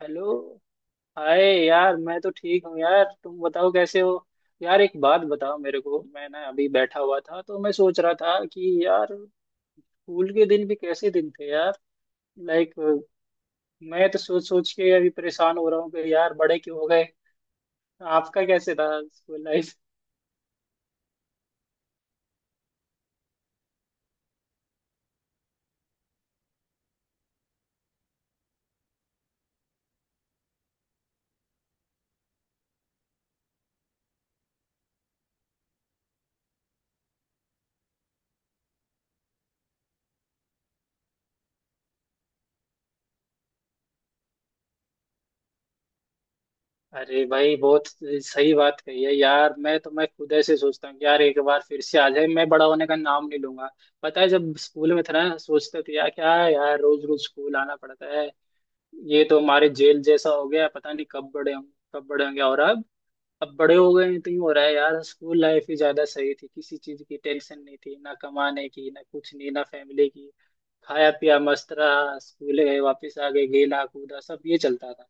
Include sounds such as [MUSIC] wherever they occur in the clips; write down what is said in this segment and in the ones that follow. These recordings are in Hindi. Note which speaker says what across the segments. Speaker 1: हेलो। हाय। यार, मैं तो ठीक हूँ। यार, तुम बताओ कैसे हो? यार, एक बात बताओ मेरे को। मैं ना अभी बैठा हुआ था, तो मैं सोच रहा था कि यार, स्कूल के दिन भी कैसे दिन थे यार। लाइक, मैं तो सोच सोच के अभी परेशान हो रहा हूँ कि यार, बड़े क्यों हो गए। आपका कैसे था स्कूल लाइफ? अरे भाई, बहुत सही बात कही है यार। मैं खुद ऐसे सोचता हूँ कि यार, एक बार फिर से आ जाए, मैं बड़ा होने का नाम नहीं लूंगा। पता है, जब स्कूल में था ना, सोचते थे यार, क्या यार रोज रोज स्कूल आना पड़ता है, ये तो हमारे जेल जैसा हो गया, पता नहीं कब बड़े होंगे कब बड़े होंगे। और अब बड़े हो गए हैं तो यूं हो रहा है यार, स्कूल लाइफ ही ज्यादा सही थी, किसी चीज की टेंशन नहीं थी, ना कमाने की, ना कुछ नहीं, ना फैमिली की। खाया पिया, मस्त रहा, स्कूल गए, वापस आ गए, गेला कूदा, सब ये चलता था।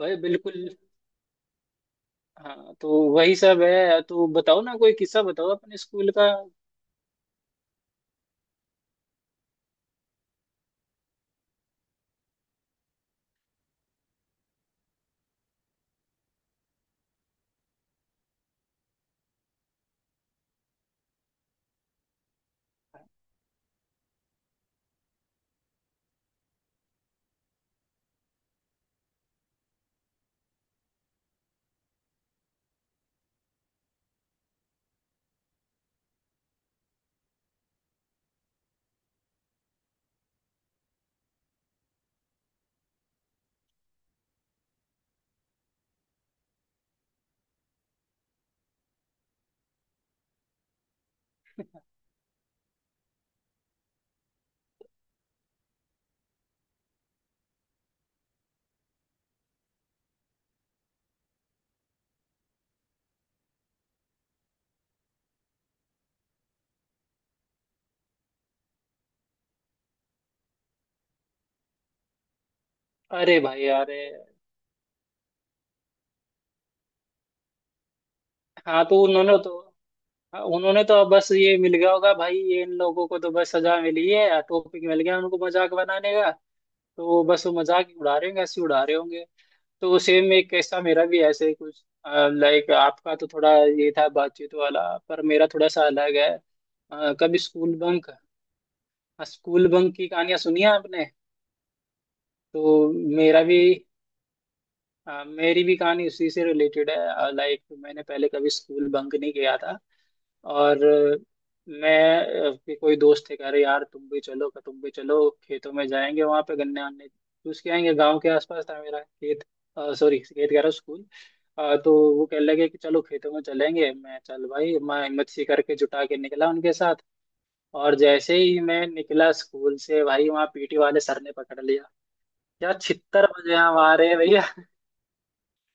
Speaker 1: भाई बिल्कुल। हाँ, तो वही सब है। तो बताओ ना, कोई किस्सा बताओ अपने स्कूल का। अरे भाई, अरे! हाँ तो उन्होंने तो हाँ, उन्होंने तो अब बस ये मिल गया होगा भाई, ये इन लोगों को तो बस सजा मिली है, टॉपिक मिल गया उनको मजाक बनाने का। तो वो मजाक ही उड़ा रहे होंगे, हंसी उड़ा रहे होंगे। तो सेम, एक ऐसा मेरा भी ऐसे ही कुछ। लाइक आपका तो थोड़ा ये था बातचीत वाला, पर मेरा थोड़ा सा अलग है। कभी स्कूल बंक की कहानियां सुनी है आपने? तो मेरा भी मेरी भी कहानी उसी से रिलेटेड है। लाइक मैंने पहले कभी स्कूल बंक नहीं किया था। और मैं कि कोई दोस्त थे, कह रहे यार तुम भी चलो खेतों में जाएंगे, वहां पे गन्ने आने चूस के आएंगे, गांव के आसपास था मेरा खेत। सॉरी, खेत कह रहा हूँ, स्कूल। तो वो कहने लगे कि चलो खेतों में चलेंगे। मैं चल भाई, मैं हिम्मत सी करके जुटा के निकला उनके साथ। और जैसे ही मैं निकला स्कूल से, भाई वहाँ पीटी वाले सर ने पकड़ लिया। क्या छित्तर बजे हमारे भैया!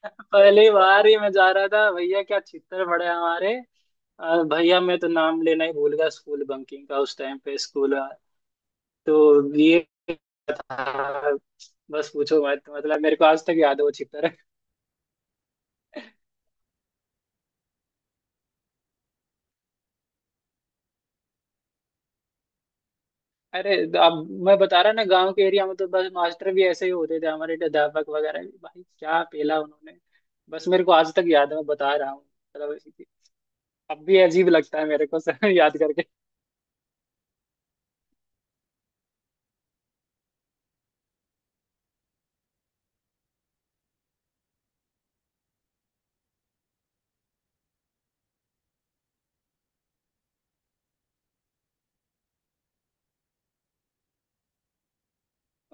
Speaker 1: पहली बार ही मैं जा रहा था भैया, क्या चित्तर पड़े हमारे। भैया मैं तो नाम लेना ही भूल गया स्कूल बंकिंग का उस टाइम पे। स्कूल, तो ये था। बस पूछो मत, मतलब मेरे को आज तक याद है वो चित्तर [LAUGHS] अरे! अब मैं बता रहा ना, गांव के एरिया में तो बस मास्टर भी ऐसे ही होते थे, हमारे अध्यापक वगैरह भी। भाई क्या पेला उन्होंने, बस मेरे को आज तक याद है, मैं बता रहा हूँ, मतलब अब भी अजीब लगता है मेरे को [LAUGHS] सर, याद।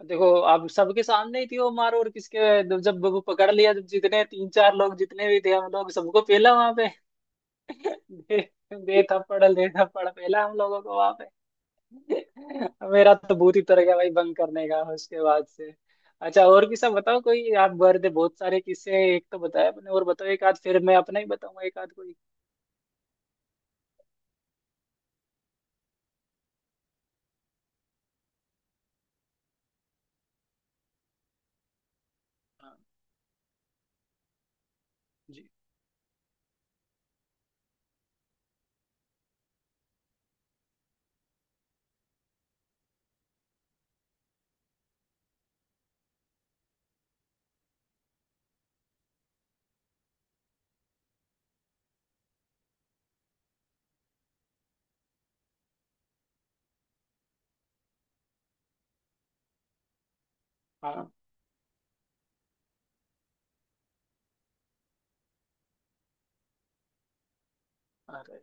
Speaker 1: देखो आप, सबके सामने ही थी वो मार, और किसके? जब जब वो पकड़ लिया, जब जितने तीन चार लोग जितने भी थे हम लोग, सबको पेला वहां पे [LAUGHS] दे, दे थप्पड़ पेला हम लोगों को वहां पे [LAUGHS] मेरा तो भूत ही तर गया भाई बंक करने का उसके बाद से। अच्छा और किस्सा बताओ कोई, आप बर्थ दे बहुत सारे किस्से, एक तो बताया आपने, और बताओ एक आध, फिर मैं अपना ही बताऊंगा एक आध कोई। हाँ। जी। हाँ। अरे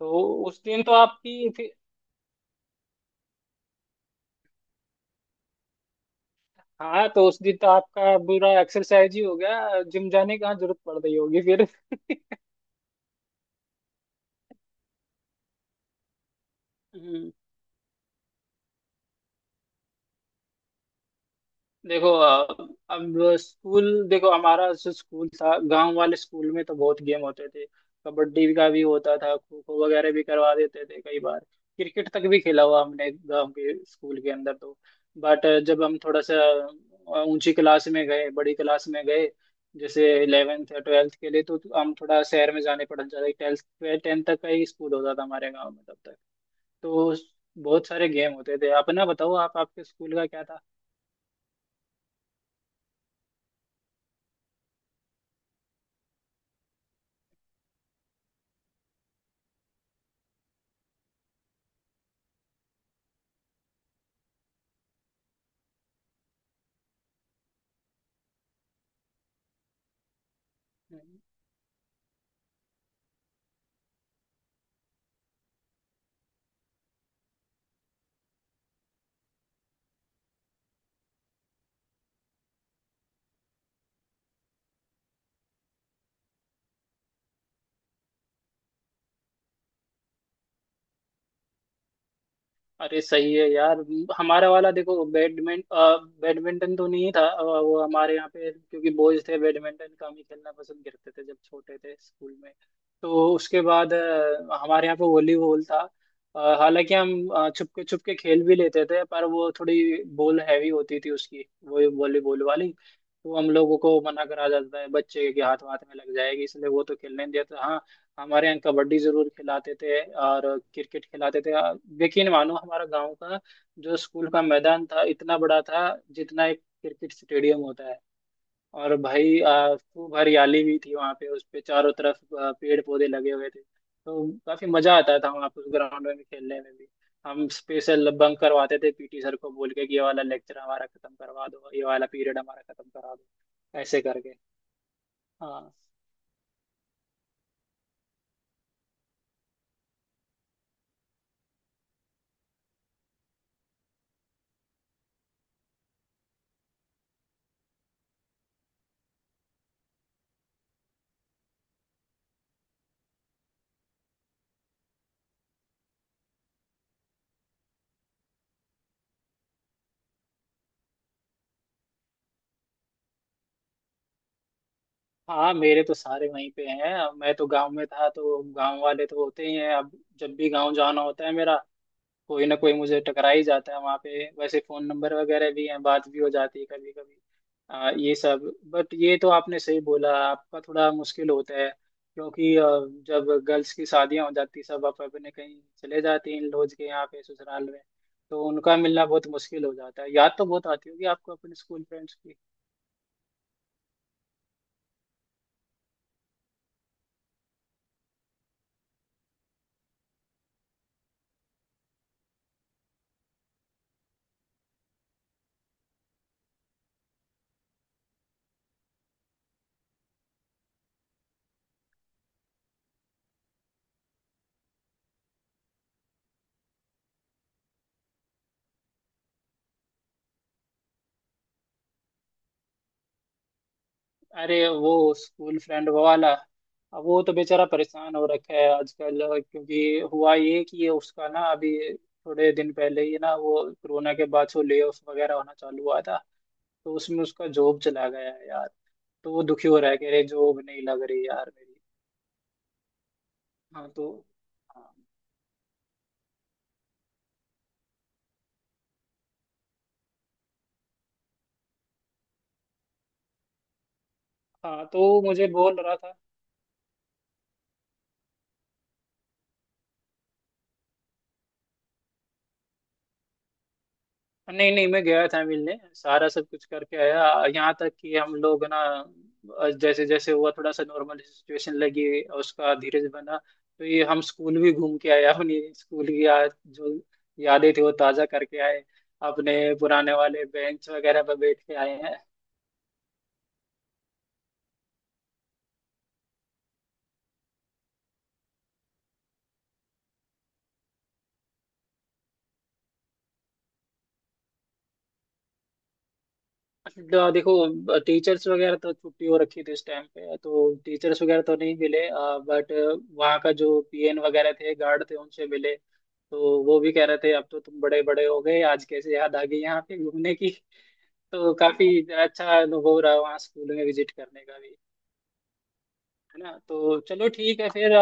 Speaker 1: तो उस दिन तो आपकी फिर... हाँ, तो उस दिन तो आपका पूरा एक्सरसाइज ही हो गया, जिम जाने की कहाँ जरूरत पड़ रही होगी फिर [LAUGHS] देखो, अब स्कूल देखो, हमारा जो स्कूल था, गांव वाले स्कूल में तो बहुत गेम होते थे। कबड्डी का भी होता था, खो खो वगैरह भी करवा देते थे कई बार। क्रिकेट तक भी खेला हुआ हमने गांव के स्कूल के अंदर। तो बट जब हम थोड़ा सा ऊंची क्लास में गए, बड़ी क्लास में गए, जैसे इलेवेंथ या ट्वेल्थ के लिए, तो हम थोड़ा शहर में जाने पड़ जाते। ट्वेल्थ, टेंथ तक का ही स्कूल होता था हमारे गाँव में तब तक। तो बहुत सारे गेम होते थे। अपना बताओ, आप आपके स्कूल का क्या था? अरे सही है यार। हमारा वाला देखो, बैडमिंटन तो नहीं था। वो हमारे यहाँ पे क्योंकि बॉयज थे, बैडमिंटन कम ही खेलना पसंद करते थे जब छोटे थे स्कूल में। तो उसके बाद हमारे यहाँ पे वॉलीबॉल था। हालांकि हम छुपके छुपके खेल भी लेते थे, पर वो थोड़ी बॉल हैवी होती थी उसकी, वो वॉलीबॉल वाली। तो हम लोगों को मना करा जाता है, बच्चे के हाथ वाथ में लग जाएगी, इसलिए वो तो खेलने नहीं देता, हाँ। हमारे यहाँ कबड्डी जरूर खिलाते थे, और क्रिकेट खिलाते थे। यकीन मानो, हमारा गांव का जो स्कूल का मैदान था, इतना बड़ा था जितना एक क्रिकेट स्टेडियम होता है। और भाई, खूब हरियाली भी थी वहाँ पे, उस पे चारों तरफ पेड़ पौधे लगे हुए थे, तो काफी मजा आता था वहाँ पे उस ग्राउंड में खेलने में भी। हम स्पेशल बंक करवाते थे, पीटी सर को बोल के कि ये वाला लेक्चर हमारा खत्म करवा दो, ये वाला पीरियड हमारा खत्म करवा दो, ऐसे करके। हाँ। हाँ, मेरे तो सारे वहीं पे हैं। अब मैं तो गांव में था, तो गांव वाले तो होते ही हैं। अब जब भी गांव जाना होता है मेरा, कोई ना कोई मुझे टकरा ही जाता है वहाँ पे। वैसे फोन नंबर वगैरह भी हैं, बात भी हो जाती है कभी कभी। ये सब। बट ये तो आपने सही बोला, आपका थोड़ा मुश्किल होता है, क्योंकि जब गर्ल्स की शादियां हो जाती सब, आप अपने कहीं चले जाते हैं इन लोग के यहाँ पे ससुराल में, तो उनका मिलना बहुत मुश्किल हो जाता है। याद तो बहुत आती होगी आपको अपने स्कूल फ्रेंड्स की। अरे, वो स्कूल फ्रेंड वो वाला, अब वो तो बेचारा परेशान हो रखा है आजकल। क्योंकि हुआ ये कि उसका ना अभी थोड़े दिन पहले ही ना, वो कोरोना के बाद से ले ऑफ वगैरह होना चालू हुआ था, तो उसमें उसका जॉब चला गया है यार। तो वो दुखी हो रहा है, कह रहे जॉब नहीं लग रही यार मेरी। हाँ, तो। हाँ। हाँ, तो वो मुझे बोल रहा था। नहीं नहीं, मैं गया था मिलने, सारा सब कुछ करके आया। यहाँ तक कि हम लोग ना, जैसे जैसे हुआ थोड़ा सा नॉर्मल सिचुएशन, लगी उसका धीरज बना, तो ये हम स्कूल भी घूम के आए, अपनी स्कूल की याद जो यादें थी वो ताजा करके आए, अपने पुराने वाले बेंच वगैरह पर बैठ के आए हैं। हाँ, देखो टीचर्स वगैरह तो छुट्टी हो रखी थी इस टाइम पे, तो टीचर्स वगैरह तो नहीं मिले। बट वहाँ का जो पीएन वगैरह थे, गार्ड थे, उनसे मिले, तो वो भी कह रहे थे अब तो तुम बड़े बड़े हो गए, आज कैसे याद आ गई यहाँ पे घूमने की [LAUGHS] तो काफी अच्छा अनुभव रहा वहाँ स्कूल में विजिट करने का भी। है ना? तो चलो ठीक है फिर।